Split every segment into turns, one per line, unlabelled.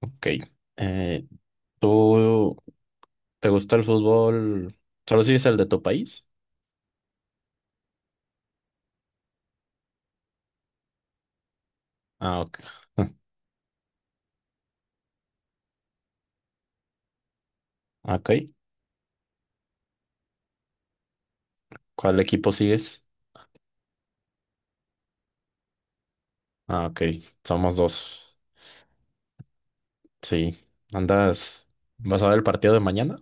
Ok. Eh, ¿Tú te gusta el fútbol? ¿Solo sigues el de tu país? Ah, ok. Ok. ¿Cuál equipo sigues? Ah, ok. Somos dos. Sí. ¿Andas? ¿Vas a ver el partido de mañana?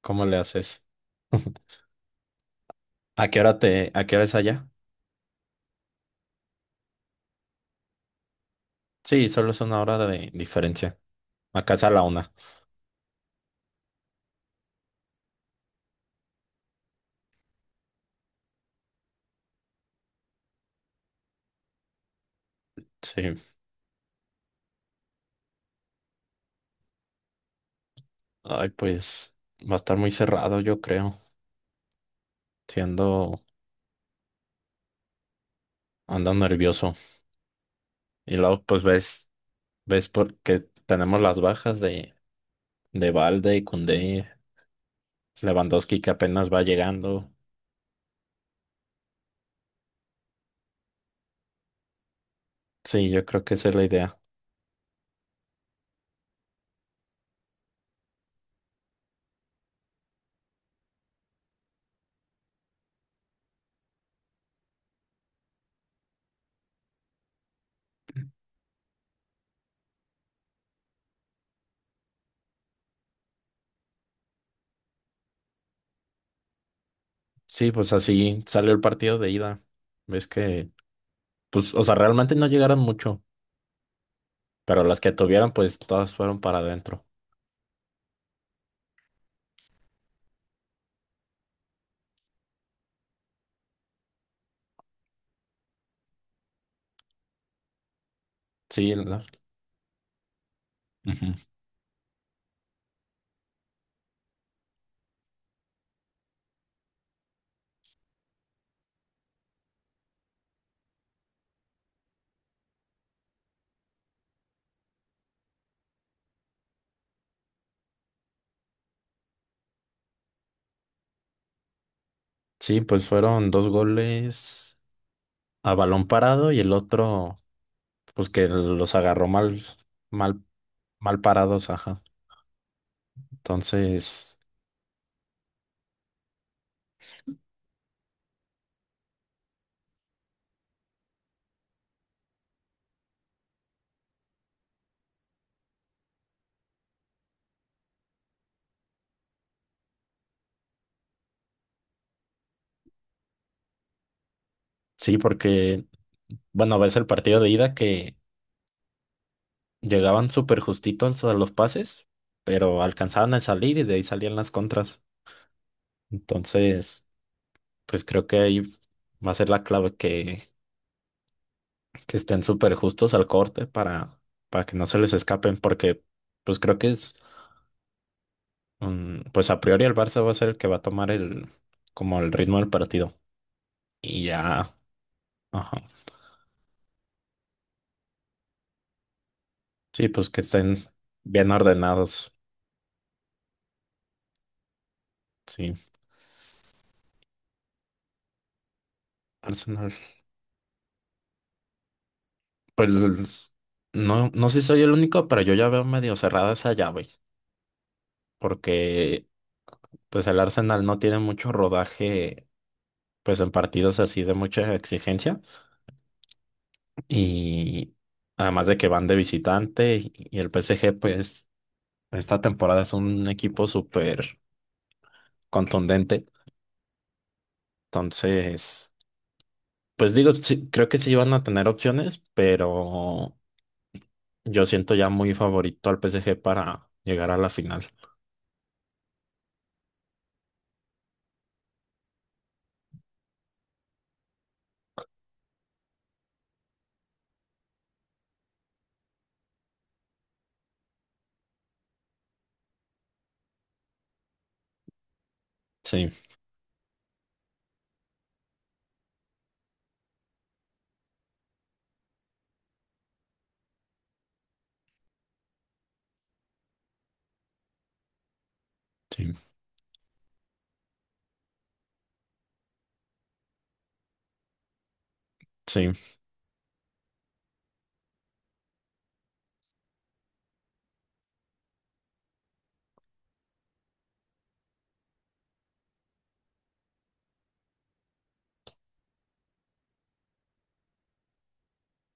¿Cómo le haces? ¿A qué hora te, a qué hora es allá? Sí, solo es una hora de diferencia. Acá es a la una. Sí. Ay, pues va a estar muy cerrado, yo creo. Siendo, ando nervioso. Y luego, pues ves, ves porque tenemos las bajas de Balde y Koundé, Lewandowski que apenas va llegando. Sí, yo creo que esa es la idea. Sí, pues así salió el partido de ida. Ves que, pues, o sea, realmente no llegaron mucho, pero las que tuvieron, pues todas fueron para adentro. Sí, la-. Ujú. Sí, pues fueron dos goles a balón parado y el otro, pues que los agarró mal, mal, mal parados, ajá. Entonces, sí, porque, bueno, ves el partido de ida que llegaban súper justitos a los pases, pero alcanzaban a salir y de ahí salían las contras. Entonces, pues creo que ahí va a ser la clave que estén súper justos al corte para que no se les escapen, porque pues creo que es, pues a priori el Barça va a ser el que va a tomar el, como el ritmo del partido. Y ya, ajá. Sí, pues que estén bien ordenados. Sí, Arsenal. Pues no, no sé si soy el único, pero yo ya veo medio cerrada esa llave. Porque pues el Arsenal no tiene mucho rodaje pues en partidos así de mucha exigencia y además de que van de visitante y el PSG pues esta temporada es un equipo súper contundente, entonces pues digo, sí, creo que sí van a tener opciones, pero yo siento ya muy favorito al PSG para llegar a la final. Sí, sí, sí.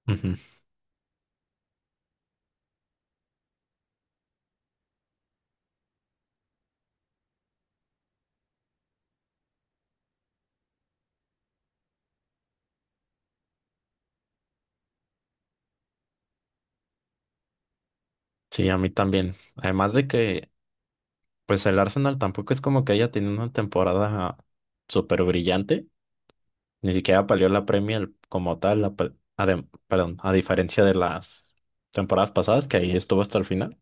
Ujú. Sí, a mí también. Además de que pues el Arsenal tampoco es como que haya tenido una temporada súper brillante. Ni siquiera palió la Premier como tal, perdón, a diferencia de las temporadas pasadas, que ahí estuvo hasta el final.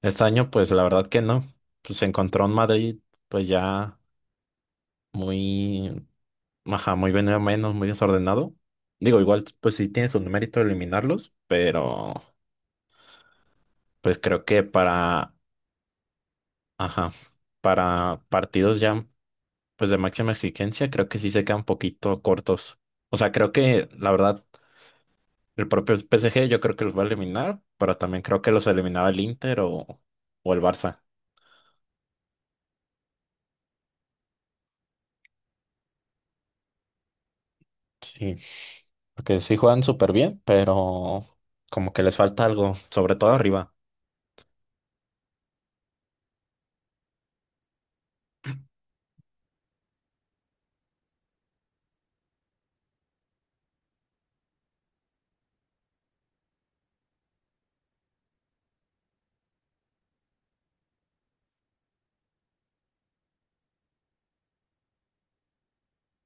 Este año, pues la verdad que no. Pues se encontró en Madrid, pues ya muy, ajá, muy venido menos, muy desordenado. Digo, igual, pues sí tiene su mérito eliminarlos, pero pues creo que para, ajá, para partidos ya. Pues de máxima exigencia, creo que sí se quedan un poquito cortos. O sea, creo que la verdad, el propio PSG yo creo que los va a eliminar, pero también creo que los eliminaba el Inter o el Barça. Sí, porque sí juegan súper bien, pero como que les falta algo, sobre todo arriba.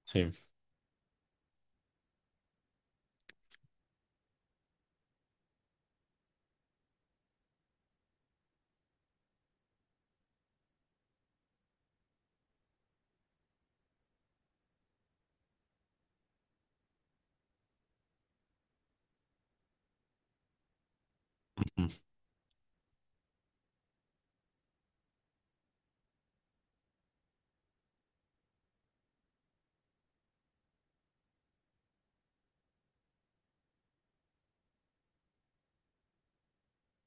Sí. Ujú.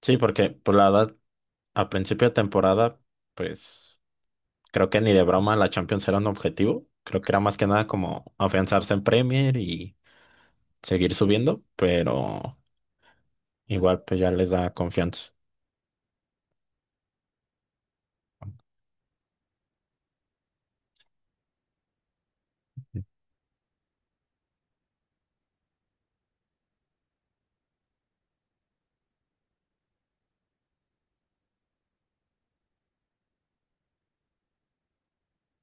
Sí, porque pues la verdad, a principio de temporada, pues creo que ni de broma la Champions era un objetivo. Creo que era más que nada como afianzarse en Premier y seguir subiendo, pero igual pues ya les da confianza.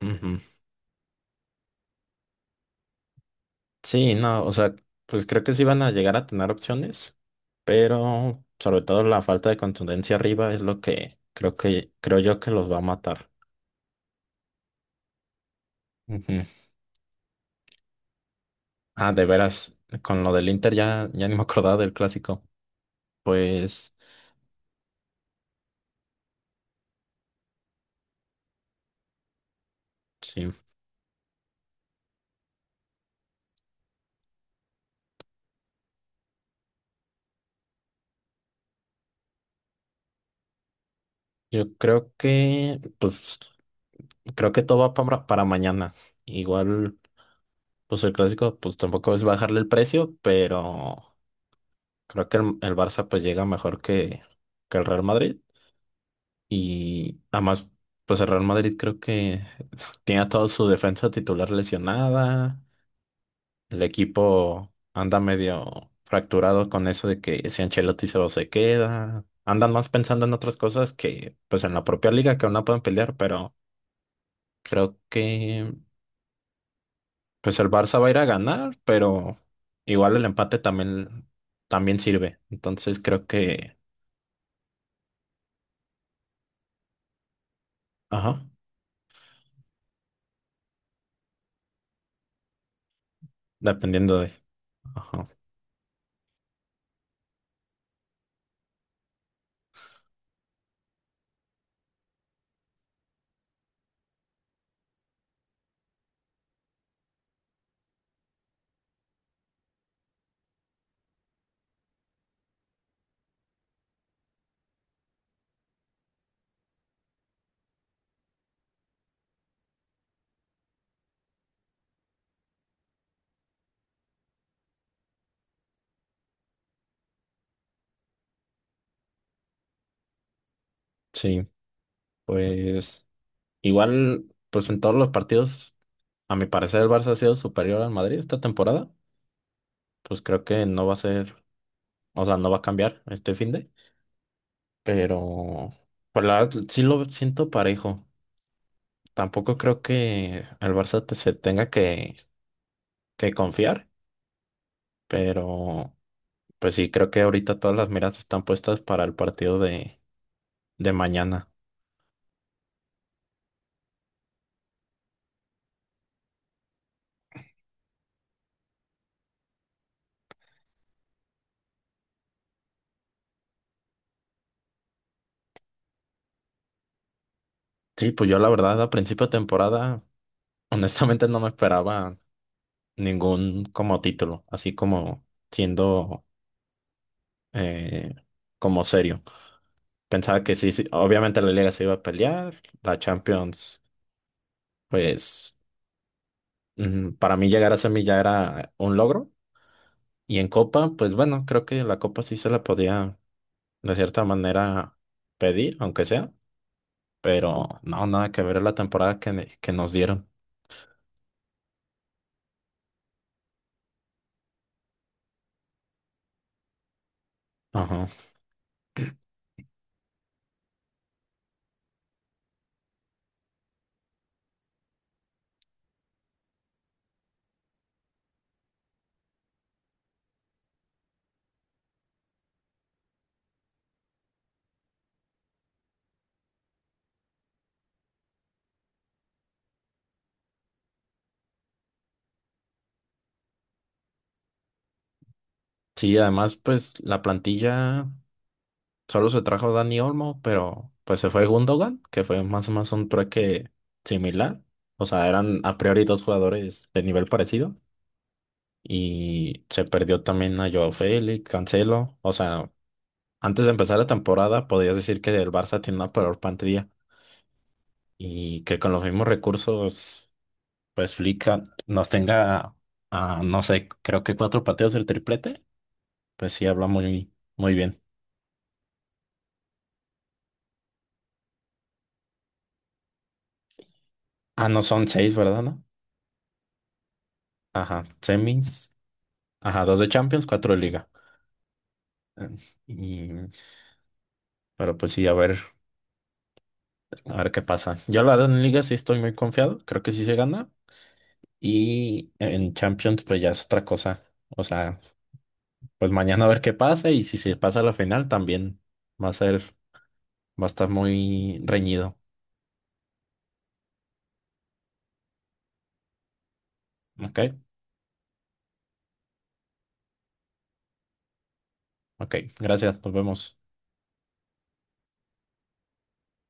Ujú. Sí, no, o sea, pues creo que sí van a llegar a tener opciones, pero sobre todo la falta de contundencia arriba es lo que creo yo que los va a matar. Ujú. Ah, de veras, con lo del Inter ya ni me acordaba del clásico. Pues sí, yo creo que pues creo que todo va para mañana. Igual pues el clásico pues tampoco es bajarle el precio, pero creo que el Barça pues llega mejor que el Real Madrid y además pues el Real Madrid creo que tiene a toda su defensa titular lesionada, el equipo anda medio fracturado con eso de que si Ancelotti se va o se queda, andan más pensando en otras cosas que pues en la propia liga que aún no pueden pelear, pero creo que pues el Barça va a ir a ganar, pero igual el empate también, también sirve, entonces creo que, ajá, dependiendo de... Ajá. Sí, pues igual, pues en todos los partidos, a mi parecer el Barça ha sido superior al Madrid esta temporada. Pues creo que no va a ser, o sea, no va a cambiar este finde, pero pues la verdad sí lo siento parejo. Tampoco creo que el Barça te- se tenga que confiar, pero pues sí, creo que ahorita todas las miras están puestas para el partido de mañana. Sí, pues yo la verdad a principio de temporada, honestamente no me esperaba ningún como título, así como siendo eh, como serio. Pensaba que sí, sí, obviamente la Liga se iba a pelear, la Champions, pues para mí llegar a semi ya era un logro. Y en Copa, pues bueno, creo que la Copa sí se la podía de cierta manera pedir, aunque sea, pero no, nada que ver la temporada que nos dieron. Ajá. Sí, además, pues la plantilla. Solo se trajo Dani Olmo, pero pues se fue Gundogan, que fue más o menos un trueque similar. O sea, eran a priori dos jugadores de nivel parecido. Y se perdió también a Joao Félix, Cancelo. O sea, antes de empezar la temporada podías decir que el Barça tiene una peor plantilla y que con los mismos recursos, pues Flick a- nos tenga, a, no sé, creo que cuatro partidos del triplete. Pues sí, habla muy, muy bien. Ah, no, son seis, ¿verdad? ¿No? Ajá, semis. Ajá, dos de Champions, cuatro de Liga. Eh, Y, pero pues sí, a ver qué pasa. Yo la verdad en Liga sí estoy muy confiado, creo que sí se gana. Y en Champions pues ya es otra cosa. O sea, pues mañana a ver qué pasa y si se pasa a la final también va a ser, va a estar muy reñido. Ok, ok, gracias, nos vemos.